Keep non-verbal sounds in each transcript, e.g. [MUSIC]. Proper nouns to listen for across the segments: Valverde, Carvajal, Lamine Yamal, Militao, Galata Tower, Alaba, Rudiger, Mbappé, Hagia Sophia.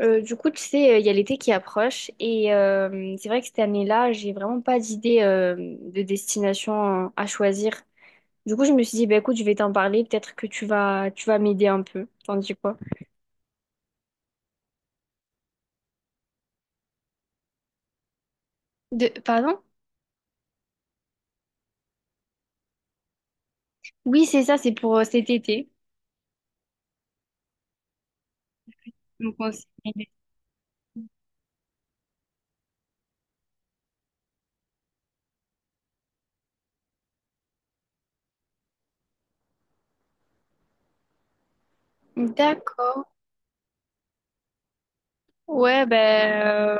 Du coup, tu sais, il y a l'été qui approche et c'est vrai que cette année-là, j'ai vraiment pas d'idée de destination à choisir. Du coup, je me suis dit, bah, écoute, je vais t'en parler, peut-être que tu vas m'aider un peu. T'en dis quoi? Pardon? Oui, c'est ça, c'est pour cet été. Donc, on s'est aidé. D'accord. Ouais, ben,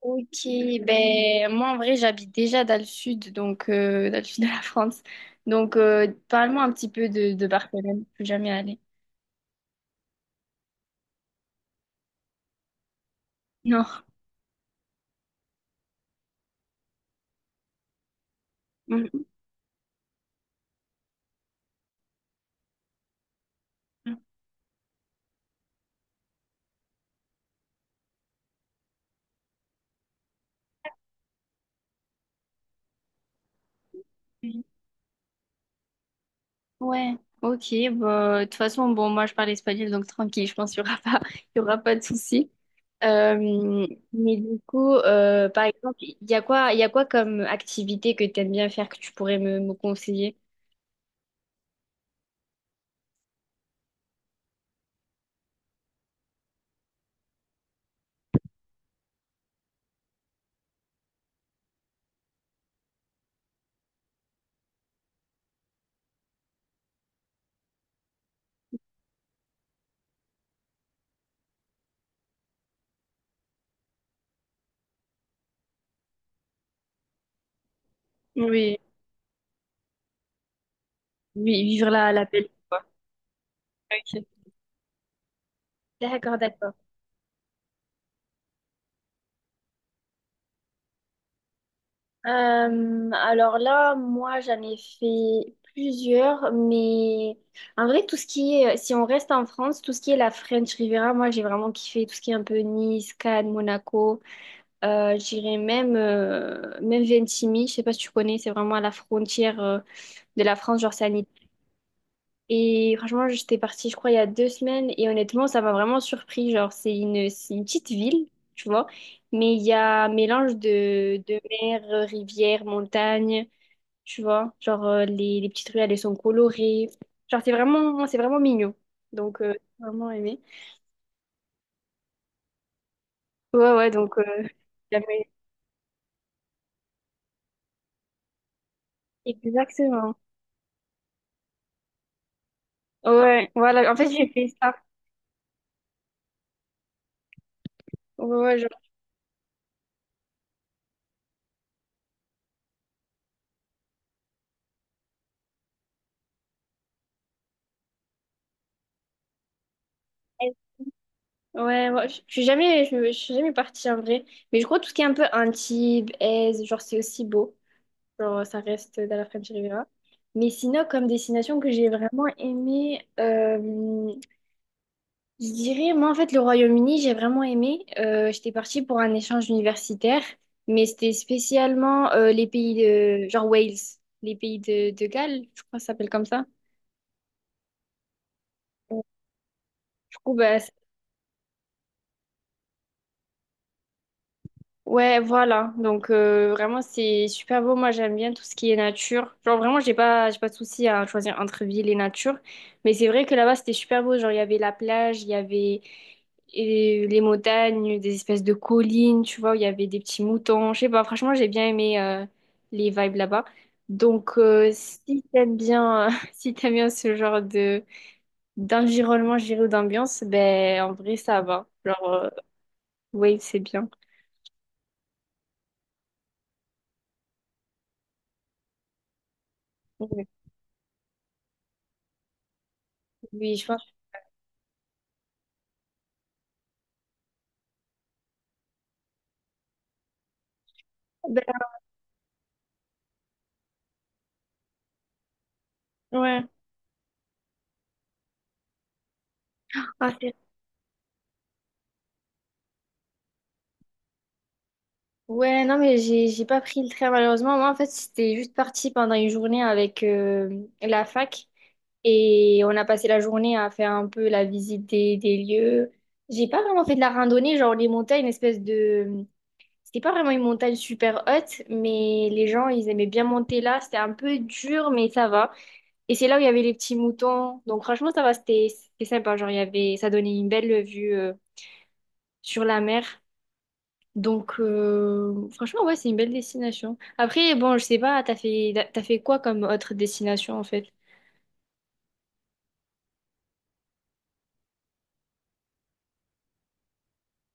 ok. Ben, moi, en vrai, j'habite déjà dans le sud, donc dans le sud de la France. Donc, parle-moi un petit peu de Barcelone. Je suis jamais allée. Non. Mm-hmm. Ouais, ok, bah, de toute façon, bon, moi je parle espagnol, donc tranquille, je pense qu'il n'y aura pas, [LAUGHS] il y aura pas de souci. Euh, mais du coup, par exemple, il y a quoi comme activité que tu aimes bien faire que tu pourrais me conseiller? Oui, oui, vivre la belle vie, quoi. Ok. D'accord, d'accord. Alors là, moi, j'en ai fait plusieurs, mais en vrai, tout ce qui est, si on reste en France, tout ce qui est la French Riviera, moi, j'ai vraiment kiffé tout ce qui est un peu Nice, Cannes, Monaco. J'irais même, même Ventimille, je sais pas si tu connais, c'est vraiment à la frontière, de la France, genre c'est en Italie. Et franchement, j'étais partie, je crois, il y a 2 semaines, et honnêtement, ça m'a vraiment surpris. Genre, c'est une petite ville, tu vois, mais il y a un mélange de, mer, rivière, montagne, tu vois. Genre, les petites ruelles, elles sont colorées. Genre, c'est vraiment mignon. Donc, j'ai vraiment aimé. Ouais, ouais, donc, [LAUGHS] j'avais- exactement. Ouais, voilà, en fait, j'ai fait ça. Ouais, ouais, genre, ouais, ouais, je suis jamais partie en vrai. Mais je crois tout ce qui est un peu Antibes, Aise, genre, c'est aussi beau. Genre, ça reste dans la French Riviera. Mais sinon, comme destination que j'ai vraiment aimé, je dirais, moi en fait, le Royaume-Uni, j'ai vraiment aimé. J'étais partie pour un échange universitaire, mais c'était spécialement les pays de, genre Wales, les pays de Galles, je crois que ça s'appelle comme ça. Euh, Du coup, bah, ça... Ouais, voilà. Donc vraiment c'est super beau. Moi j'aime bien tout ce qui est nature. Genre vraiment j'ai pas de souci à choisir entre ville et nature. Mais c'est vrai que là-bas c'était super beau. Genre il y avait la plage, il y avait les montagnes, des espèces de collines, tu vois, où il y avait des petits moutons. Je sais pas. Franchement j'ai bien aimé les vibes là-bas. Donc si t'aimes bien [LAUGHS] si t'aimes bien ce genre de d'environnement, je dirais, ou d'ambiance, ben en vrai ça va. Genre ouais, c'est bien. Ouais. Oui, je pense. Ben, ouais. Ah. Ouais, non, mais j'ai pas pris le train malheureusement. Moi, en fait, c'était juste parti pendant une journée avec la fac et on a passé la journée à faire un peu la visite des lieux. J'ai pas vraiment fait de la randonnée, genre les montagnes, une espèce de... C'était pas vraiment une montagne super haute, mais les gens, ils aimaient bien monter là. C'était un peu dur, mais ça va. Et c'est là où il y avait les petits moutons. Donc franchement, ça va, c'était sympa. Genre, il y avait... ça donnait une belle vue sur la mer. Donc, franchement, ouais, c'est une belle destination. Après, bon, je sais pas, t'as fait quoi comme autre destination, en fait?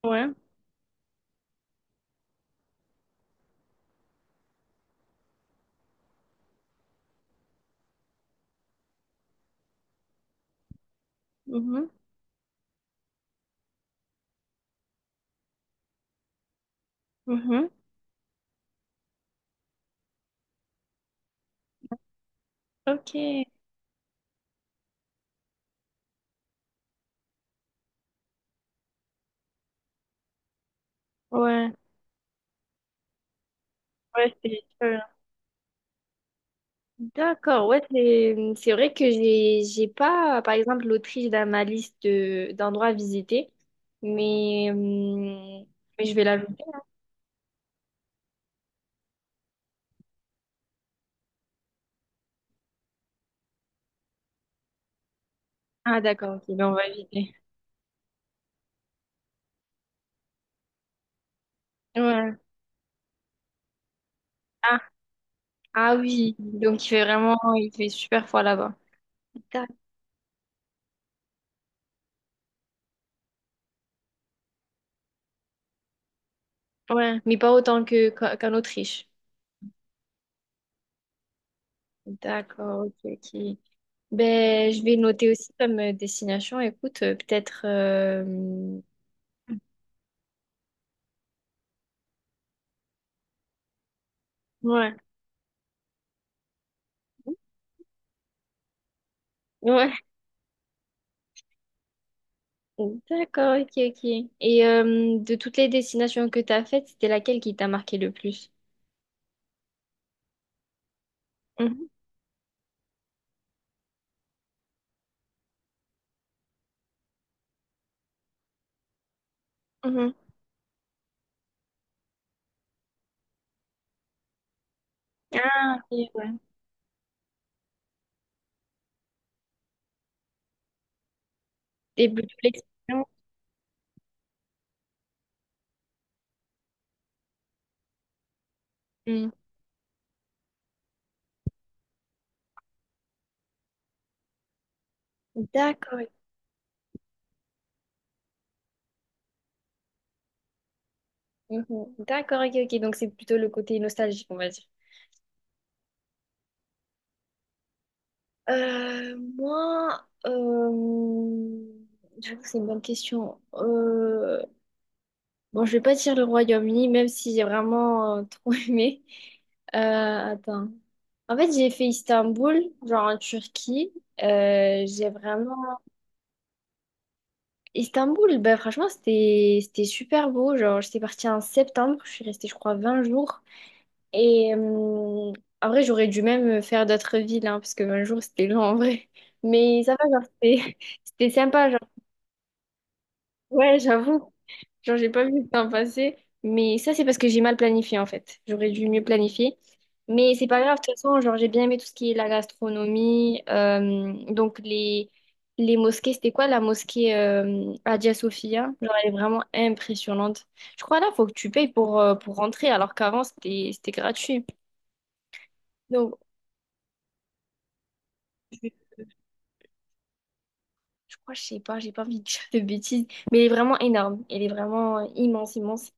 Ouais. Mhm. Mhm. Ok. Ouais. Ouais, c'est... D'accord. Ouais, c'est vrai que j'ai pas, par exemple, l'Autriche dans ma liste d'endroits à visiter, mais, mais je vais l'ajouter. Ah, d'accord. Ok, ben on va éviter. Ouais. Ah, ah oui. Donc, il fait vraiment, il fait super froid là-bas. Ouais, mais pas autant que, qu'en Autriche. D'accord, ok, ok. Ben, je vais noter aussi comme destination, écoute, peut-être... Ouais. Ouais, d'accord, ok, ok. Et de toutes les destinations que tu as faites, c'était laquelle qui t'a marqué le plus? Mhm, mhm. Ah, ok, ouais. Et plutôt l'expérience. Mm. D'accord. Ok. Mhm. D'accord, ok, ok. Donc c'est plutôt le côté nostalgique, on va dire. Moi, j'avoue que c'est une bonne question. Bon, je vais pas dire le Royaume-Uni, même si j'ai vraiment [LAUGHS] trop aimé. Attends. En fait, j'ai fait Istanbul, genre en Turquie. J'ai vraiment... Istanbul, ben, franchement, c'était super beau. Genre, j'étais partie en septembre, je suis restée, je crois, 20 jours. Et en vrai, j'aurais dû même faire d'autres villes, hein, parce que 20 jours, c'était long en vrai. Mais ça va, genre, c'était [LAUGHS] c'était sympa. Genre. Ouais, j'avoue. Genre, j'ai pas vu le temps passer. Mais ça, c'est parce que j'ai mal planifié, en fait. J'aurais dû mieux planifier. Mais c'est pas grave, de toute façon, genre, j'ai bien aimé tout ce qui est la gastronomie, donc, les, mosquées, c'était quoi la mosquée Hagia Sophia? Genre, elle est vraiment impressionnante. Je crois là, faut que tu payes pour rentrer, alors qu'avant, c'était gratuit. Donc, je crois, je sais pas, j'ai pas envie de dire de bêtises, mais elle est vraiment énorme. Elle est vraiment immense, immense.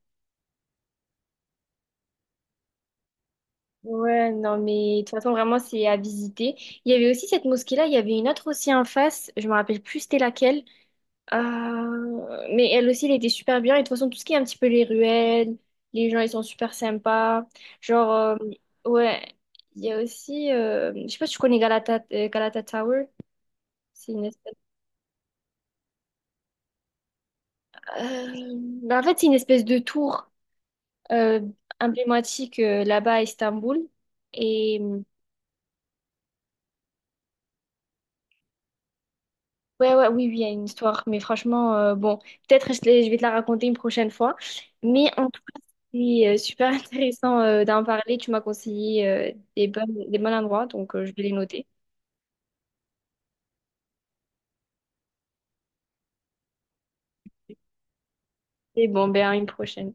Ouais, non, mais de toute façon, vraiment, c'est à visiter. Il y avait aussi cette mosquée-là, il y avait une autre aussi en face, je me rappelle plus c'était laquelle. Mais elle aussi, elle était super bien. Et de toute façon, tout ce qui est un petit peu les ruelles, les gens, ils sont super sympas. Genre, ouais, il y a aussi, je sais pas si tu connais Galata, Galata Tower. C'est une espèce... euh, bah, en fait, c'est une espèce de tour, euh, emblématique là-bas à Istanbul. Et ouais, ouais, oui, oui, il y a une histoire. Mais franchement, bon, peut-être je vais te la raconter une prochaine fois. Mais en tout cas, c'est super [LAUGHS] intéressant d'en parler. Tu m'as conseillé des bons endroits, donc je vais les noter. Et bon, ben à une prochaine.